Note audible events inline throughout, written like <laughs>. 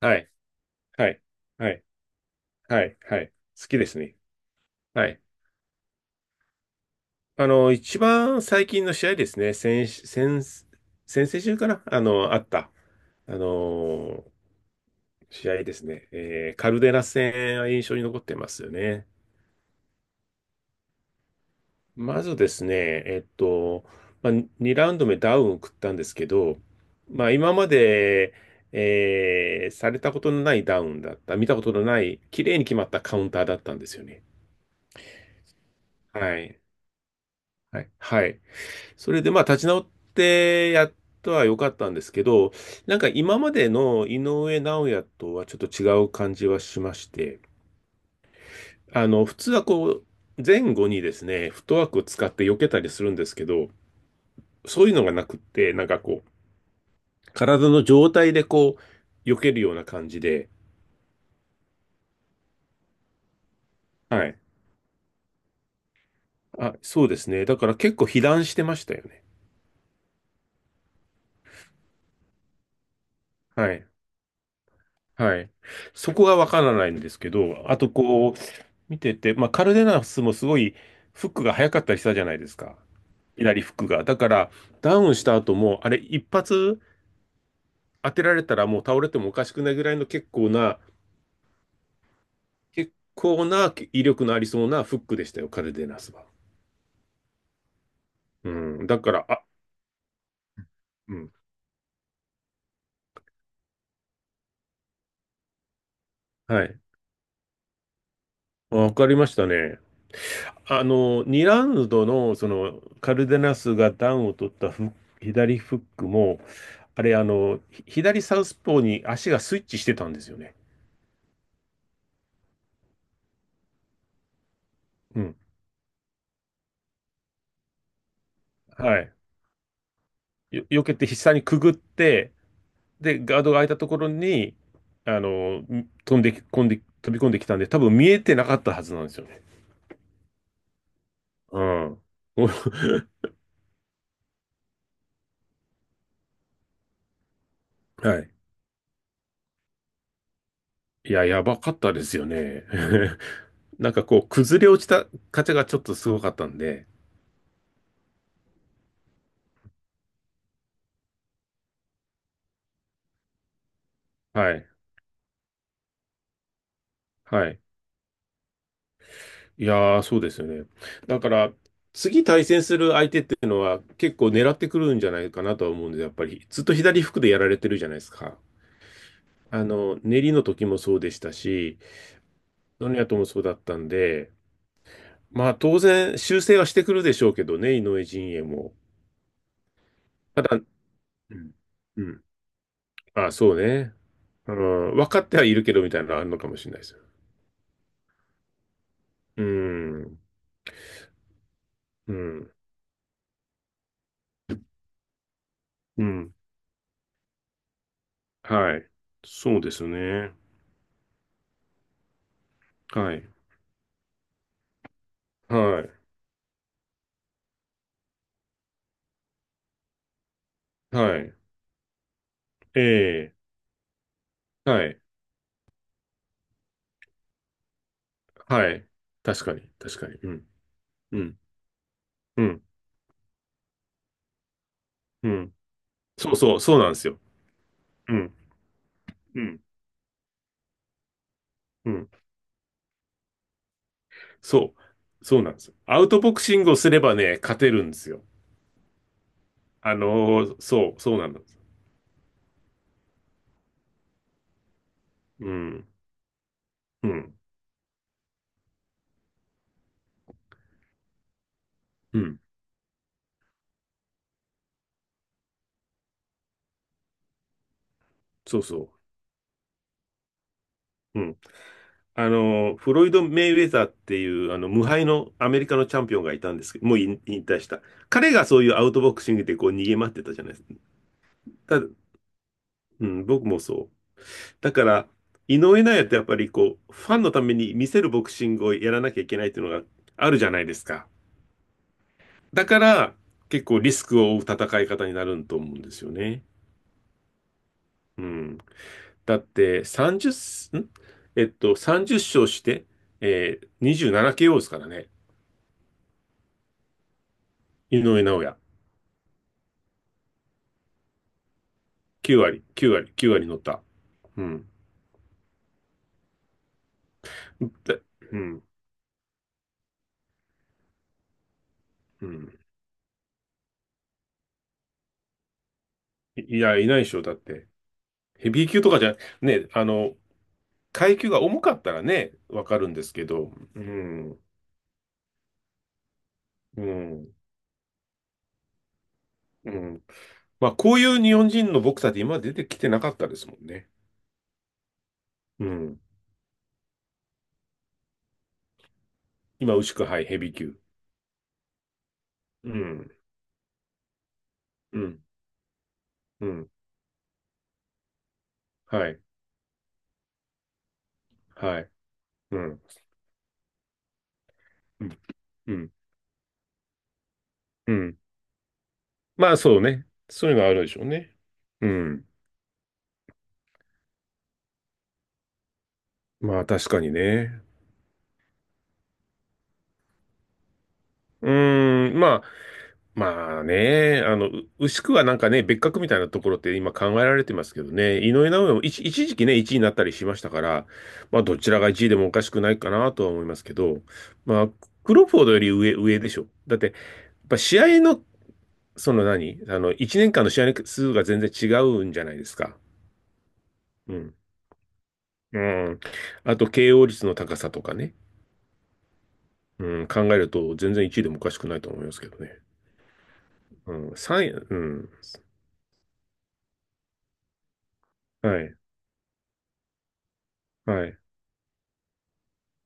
はい、はい、はい、はい、はい。好きですね。はい。一番最近の試合ですね。先々週かな、あった、あの、試合ですね。カルデラ戦は印象に残ってますよね。まずですね、えっと、まあ、2ラウンド目ダウンを食ったんですけど、まあ、今までされたことのないダウンだった、見たことのない、綺麗に決まったカウンターだったんですよね。はい。はい。はい。それでまあ立ち直ってやったは良かったんですけど、なんか今までの井上尚弥とはちょっと違う感じはしまして、普通はこう、前後にですね、フットワークを使って避けたりするんですけど、そういうのがなくって、なんかこう、体の状態でこう、避けるような感じで。はい。あ、そうですね。だから結構被弾してましたよね。はい。はい。そこがわからないんですけど、あとこう、見てて、まあ、カルデナスもすごいフックが早かったりしたじゃないですか。左フックが。だから、ダウンした後も、あれ、一発当てられたらもう倒れてもおかしくないぐらいの結構な、結構な威力のありそうなフックでしたよ、カルデナスは。うん。だから、あ、うん。はい。わかりましたね。2ラウンドの、カルデナスがダウンを取ったフック左フックも、あれ、左サウスポーに足がスイッチしてたんですよね。うん。はい。避けて下にくぐって、で、ガードが開いたところに、あの、飛び込んできたんで、多分見えてなかったはずなんですよね。うん。お <laughs> はい。いや、やばかったですよね。<laughs> なんかこう、崩れ落ちたカチャがちょっとすごかったんで。はい。はい。いやー、そうですよね。だから、次対戦する相手っていうのは結構狙ってくるんじゃないかなとは思うんで、やっぱり、ずっと左服でやられてるじゃないですか。練りの時もそうでしたし、ノニアともそうだったんで、まあ当然修正はしてくるでしょうけどね、井上陣営も。ただ、うん。うん。あ、そうね。うん。分かってはいるけどみたいなのがあるのかもしれないですよ。うん。うん。うん。はい。そうですね。はい。はい。はい。ええ。はい。はい。確かに。確かに。うん。うん。うん。うん。そうそう。そうなんですよ。うん。うん。うん。そう。そうなんですよ。アウトボクシングをすればね、勝てるんですよ。あのそう、そうなんです。うん、うん、うん、そうそう。うん。フロイド・メイウェザーっていう、無敗のアメリカのチャンピオンがいたんですけど、もう引退した。彼がそういうアウトボクシングでこう逃げ回ってたじゃないですか。ただ、うん、僕もそう。だから、井上尚弥ってやっぱりこう、ファンのために見せるボクシングをやらなきゃいけないっていうのがあるじゃないですか。だから、結構リスクを負う戦い方になると思うんですよね。うん。だって30、んえっと、30勝して、27KO ですからね。井上尚弥。9割、9割、9割乗った。うん。だうん。うん。いいや、いないでしょ。だって。ヘビー級とかじゃ、ね、階級が重かったらね、わかるんですけど。うん。うん。うん。まあ、こういう日本人のボクサーって今まで出てきてなかったですもんね。うん。今、牛久、はい、ヘビー級。うん。うん。うん。はい。はい。うん。うん。うん。まあそうね。そういうのあるでしょうね。うん。まあ確かにね。うーん。まあ、まあね。牛久はなんかね、別格みたいなところって今考えられてますけどね。井上尚弥も一時期ね、1位になったりしましたから、まあどちらが1位でもおかしくないかなとは思いますけど、まあ、クロフォードより上、上でしょ。だって、やっぱ試合の、その何あの、1年間の試合の数が全然違うんじゃないですか。うん。うん。あと、KO 率の高さとかね。うん、考えると全然1位でもおかしくないと思いますけどね。うん、3うん、はい、はい、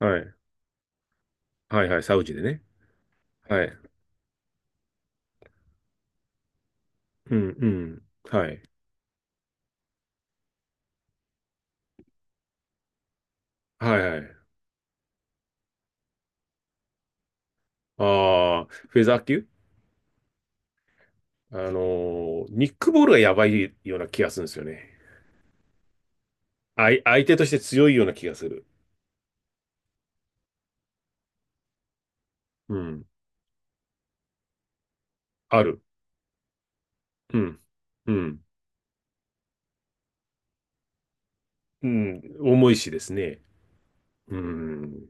はい、はい、はい、サウジでね。はい、うん、うん、はい、はい、はい。ああ、フェザー級あのニックボールがやばいような気がするんですよね。相手として強いような気がする。うん、ある。うん、うん、うん、重いしですね。うん、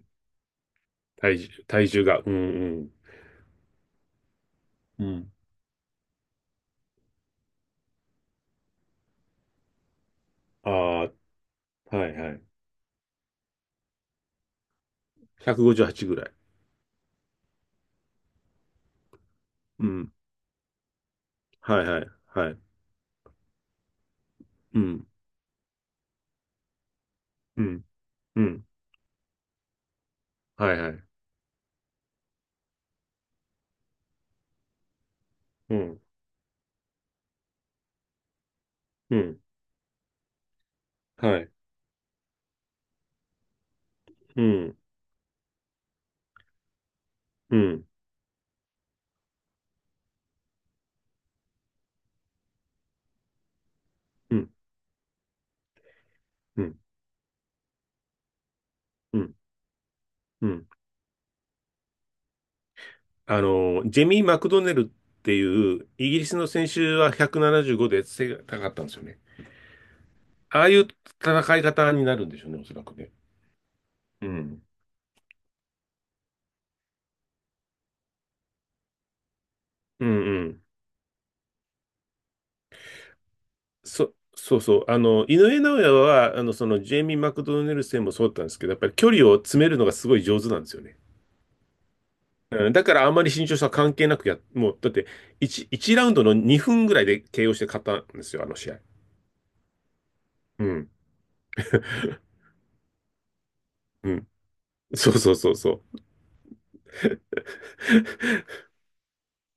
体重が、うん、うん、うん。ああ、はい、はい。158ぐらい。うん、はい、はい、はい。うん、うん、うん、はいはい。うん、うん、はい。うん、うん、うん、うん、うん、うん。ジェミー・マクドネルっていう、イギリスの先週は175で背が高かったんですよね。ああいう戦い方になるんでしょうね、おそらくね。うん、うん、うん。そうそう。井上尚弥は、ジェイミー・マクドネル戦もそうだったんですけど、やっぱり距離を詰めるのがすごい上手なんですよね。うん、だからあんまり身長差関係なくもう、だって1ラウンドの2分ぐらいで KO して勝ったんですよ、あの試合。うん、うん。そうそうそうそう。<laughs>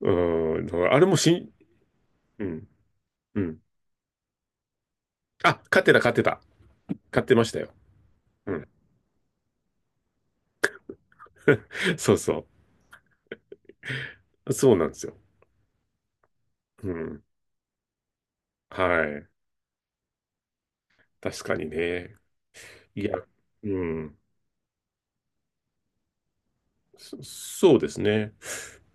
うん、だからあれもしん、うん、うん。あ、勝ってた、勝ってた。勝ってましたよ。うん。そうそう。そうなんですよ。うん。はい。確かにね。いや、うん。そうですね。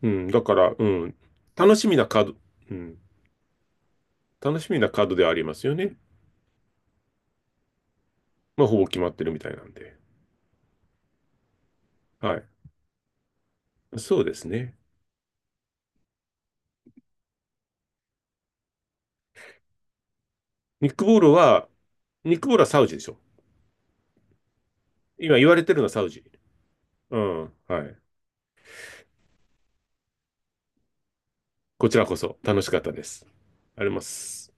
うん。だから、うん。楽しみなカード、うん。楽しみなカードではありますよね。まあ、ほぼ決まってるみたいなんで。はい。そうですね。ニックボールは、ニックボールはサウジでしょ。今言われてるのはサウジ。うん。はい。こちらこそ楽しかったです。あります。